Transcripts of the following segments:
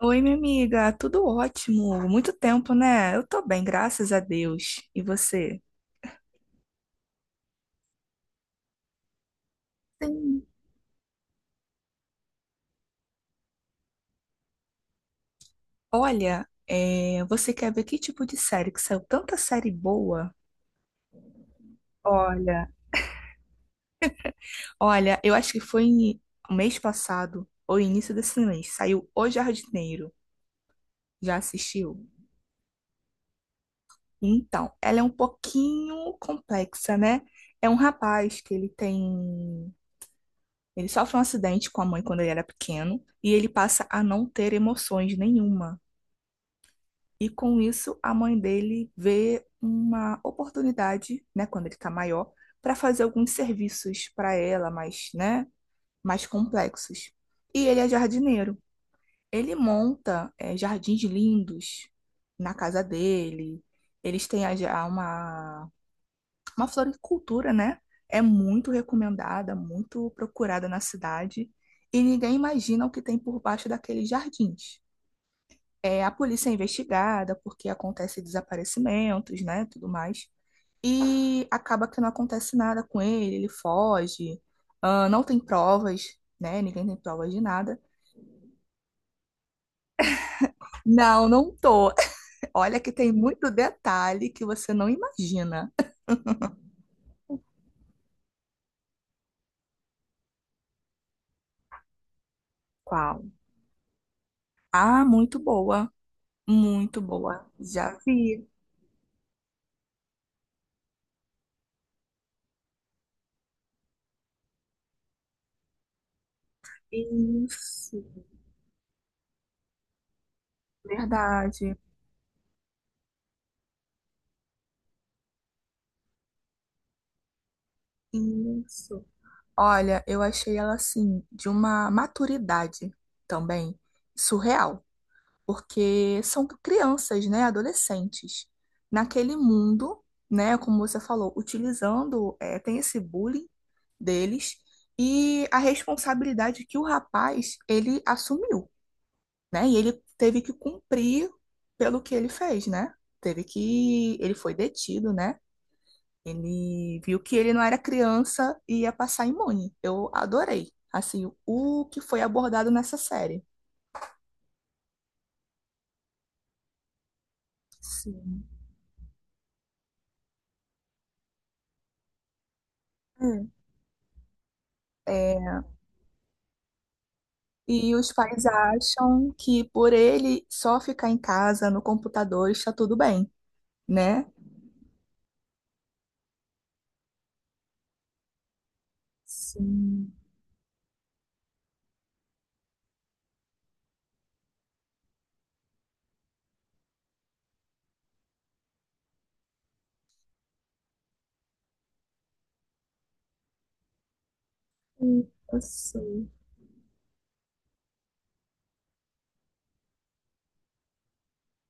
Oi, minha amiga, tudo ótimo. Muito tempo, né? Eu tô bem, graças a Deus. E você? Sim. Olha, você quer ver que tipo de série? Que saiu tanta série boa. Olha, Olha, eu acho que mês passado, ou início desse mês, saiu O Jardineiro. Já assistiu? Então, ela é um pouquinho complexa, né? É um rapaz que ele tem. Ele sofre um acidente com a mãe quando ele era pequeno e ele passa a não ter emoções nenhuma. E com isso, a mãe dele vê uma oportunidade, né, quando ele está maior, para fazer alguns serviços para ela, mais, né, mais complexos. E ele é jardineiro. Ele monta, jardins lindos na casa dele. Eles têm uma floricultura, né? É muito recomendada, muito procurada na cidade. E ninguém imagina o que tem por baixo daqueles jardins. É, a polícia é investigada porque acontece desaparecimentos, né, tudo mais. E acaba que não acontece nada com ele, ele foge, ah, não tem provas, né? Ninguém tem provas de nada. Não, não tô. Olha que tem muito detalhe que você não imagina. Qual? Ah, muito boa, muito boa. Já vi. Isso, verdade. Isso. Olha, eu achei ela assim, de uma maturidade também surreal. Porque são crianças, né, adolescentes, naquele mundo, né, como você falou, utilizando, tem esse bullying deles e a responsabilidade que o rapaz, ele assumiu, né, e ele teve que cumprir pelo que ele fez, né, teve que, ele foi detido, né, ele viu que ele não era criança e ia passar imune. Eu adorei, assim, o que foi abordado nessa série. Sim. Hum. E os pais acham que por ele só ficar em casa no computador está tudo bem, né? Sim, sim, eu sei.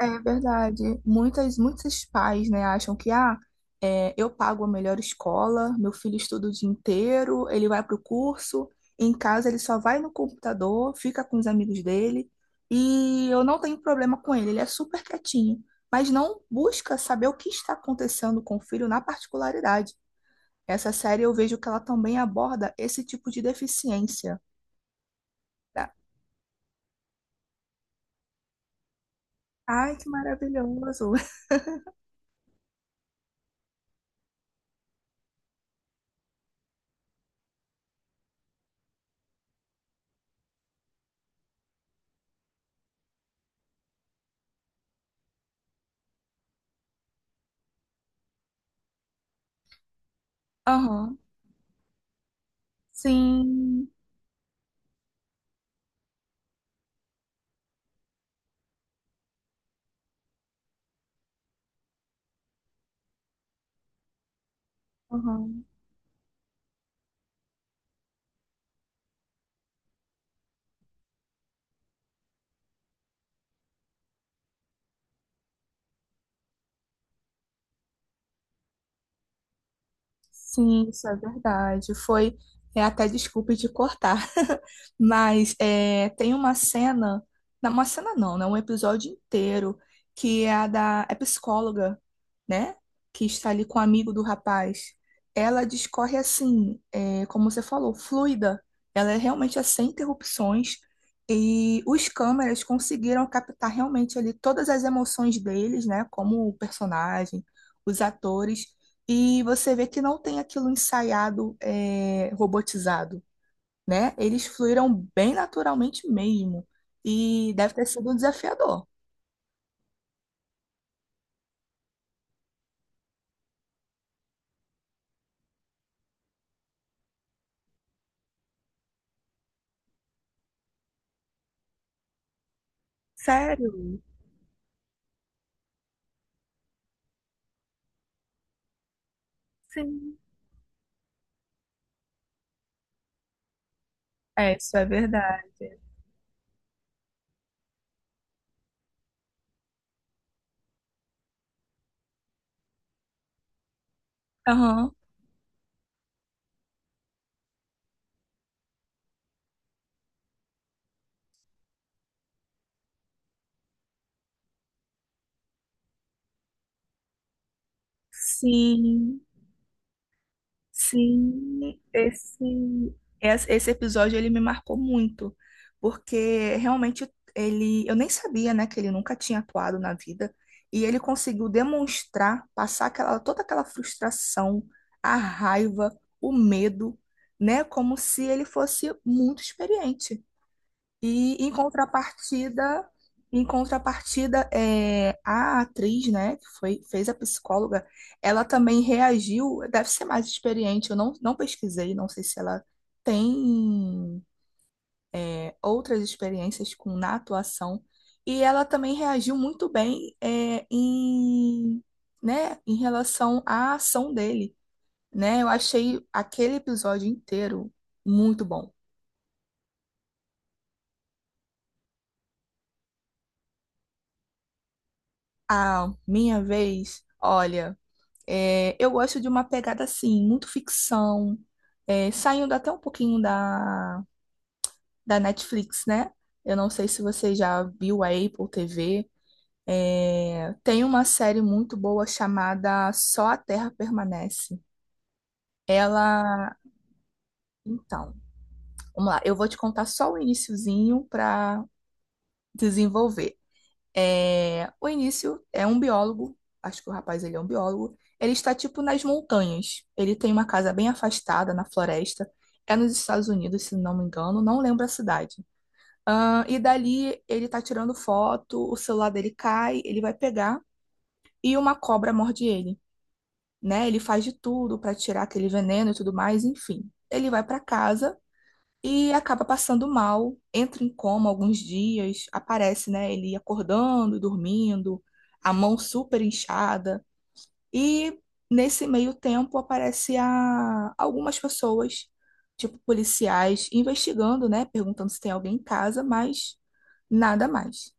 É verdade. Muitas, muitos pais, né, acham que ah, é, eu pago a melhor escola, meu filho estuda o dia inteiro, ele vai para o curso, em casa ele só vai no computador, fica com os amigos dele e eu não tenho problema com ele, ele é super quietinho, mas não busca saber o que está acontecendo com o filho na particularidade. Essa série eu vejo que ela também aborda esse tipo de deficiência. Tá? Ai, que maravilhoso. Aham. Sim. Aham. Sim, isso é verdade. Foi, é até desculpe de cortar, mas é, tem uma cena não, né? Um episódio inteiro que é a da é psicóloga, né? Que está ali com o amigo do rapaz. Ela discorre assim, é, como você falou, fluida. Ela é realmente é sem interrupções e os câmeras conseguiram captar realmente ali todas as emoções deles, né? Como o personagem, os atores. E você vê que não tem aquilo ensaiado, é, robotizado, né? Eles fluíram bem naturalmente mesmo. E deve ter sido desafiador. Sério? Sim. É, isso é verdade. Aham. Sim. Sim, esse, Esse episódio ele me marcou muito, porque realmente ele, eu nem sabia, né, que ele nunca tinha atuado na vida, e ele conseguiu demonstrar, passar aquela, toda aquela frustração, a raiva, o medo, né, como se ele fosse muito experiente. E em contrapartida, em contrapartida, é, a atriz, né, que foi, fez a psicóloga, ela também reagiu, deve ser mais experiente, eu não, não pesquisei, não sei se ela tem, é, outras experiências com na atuação, e ela também reagiu muito bem, é, em, né, em relação à ação dele, né? Eu achei aquele episódio inteiro muito bom. A minha vez, olha. É, eu gosto de uma pegada assim, muito ficção, é, saindo até um pouquinho da Netflix, né? Eu não sei se você já viu a Apple TV. É, tem uma série muito boa chamada Só a Terra Permanece. Ela. Então, vamos lá, eu vou te contar só o iniciozinho para desenvolver. É, o início é um biólogo, acho que o rapaz ele é um biólogo. Ele está tipo nas montanhas. Ele tem uma casa bem afastada na floresta. É nos Estados Unidos, se não me engano, não lembro a cidade. E dali ele tá tirando foto, o celular dele cai, ele vai pegar e uma cobra morde ele, né? Ele faz de tudo para tirar aquele veneno e tudo mais, enfim. Ele vai para casa e acaba passando mal, entra em coma alguns dias, aparece, né, ele acordando e dormindo, a mão super inchada. E nesse meio tempo aparece a algumas pessoas, tipo policiais, investigando, né, perguntando se tem alguém em casa, mas nada mais.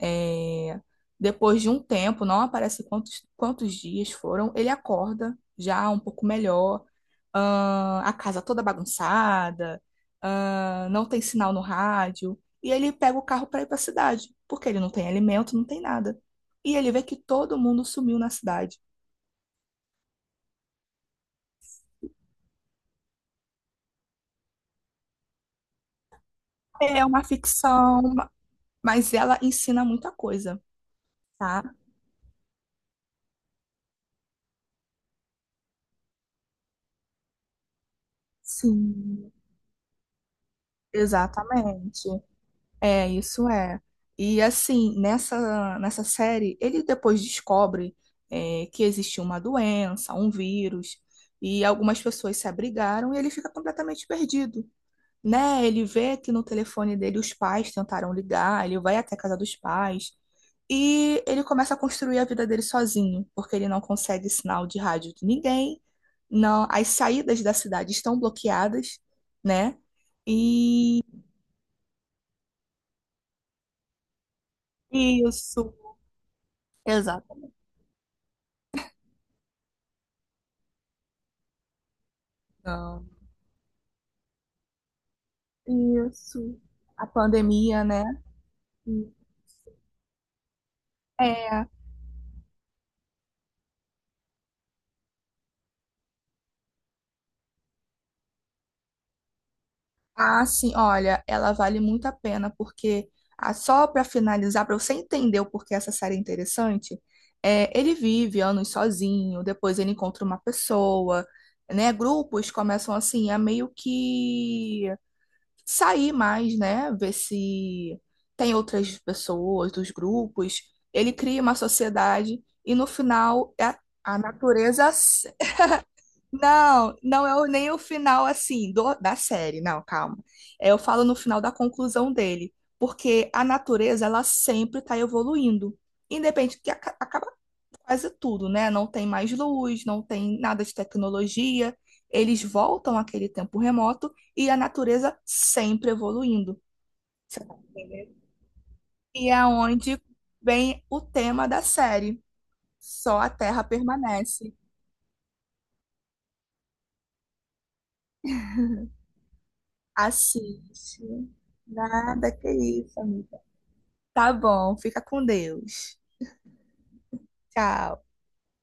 É, depois de um tempo, não aparece quantos, quantos dias foram, ele acorda já um pouco melhor, a casa toda bagunçada, não tem sinal no rádio, e ele pega o carro para ir para a cidade, porque ele não tem alimento, não tem nada. E ele vê que todo mundo sumiu na cidade. É uma ficção, mas ela ensina muita coisa, tá? Sim, exatamente. É, isso é. E assim, nessa série, ele depois descobre é, que existiu uma doença, um vírus, e algumas pessoas se abrigaram e ele fica completamente perdido, né? Ele vê que no telefone dele os pais tentaram ligar, ele vai até a casa dos pais, e ele começa a construir a vida dele sozinho, porque ele não consegue sinal de rádio de ninguém, não, as saídas da cidade estão bloqueadas, né? E isso. Exato. Não. Isso. A pandemia, né? É. Ah, sim, olha, ela vale muito a pena, porque ah, só para finalizar, para você entender o porquê essa série é interessante, é, ele vive anos sozinho, depois ele encontra uma pessoa, né? Grupos começam assim a meio que sair mais, né? Ver se tem outras pessoas dos grupos. Ele cria uma sociedade e no final é a natureza. Não, não é nem o final assim da série, não, calma. É, eu falo no final da conclusão dele, porque a natureza ela sempre está evoluindo, independente que acaba quase tudo, né? Não tem mais luz, não tem nada de tecnologia, eles voltam àquele tempo remoto e a natureza sempre evoluindo. Você tá entendendo? E é onde vem o tema da série. Só a Terra permanece. Assiste. Nada que isso, amiga. Tá bom, fica com Deus. Tchau.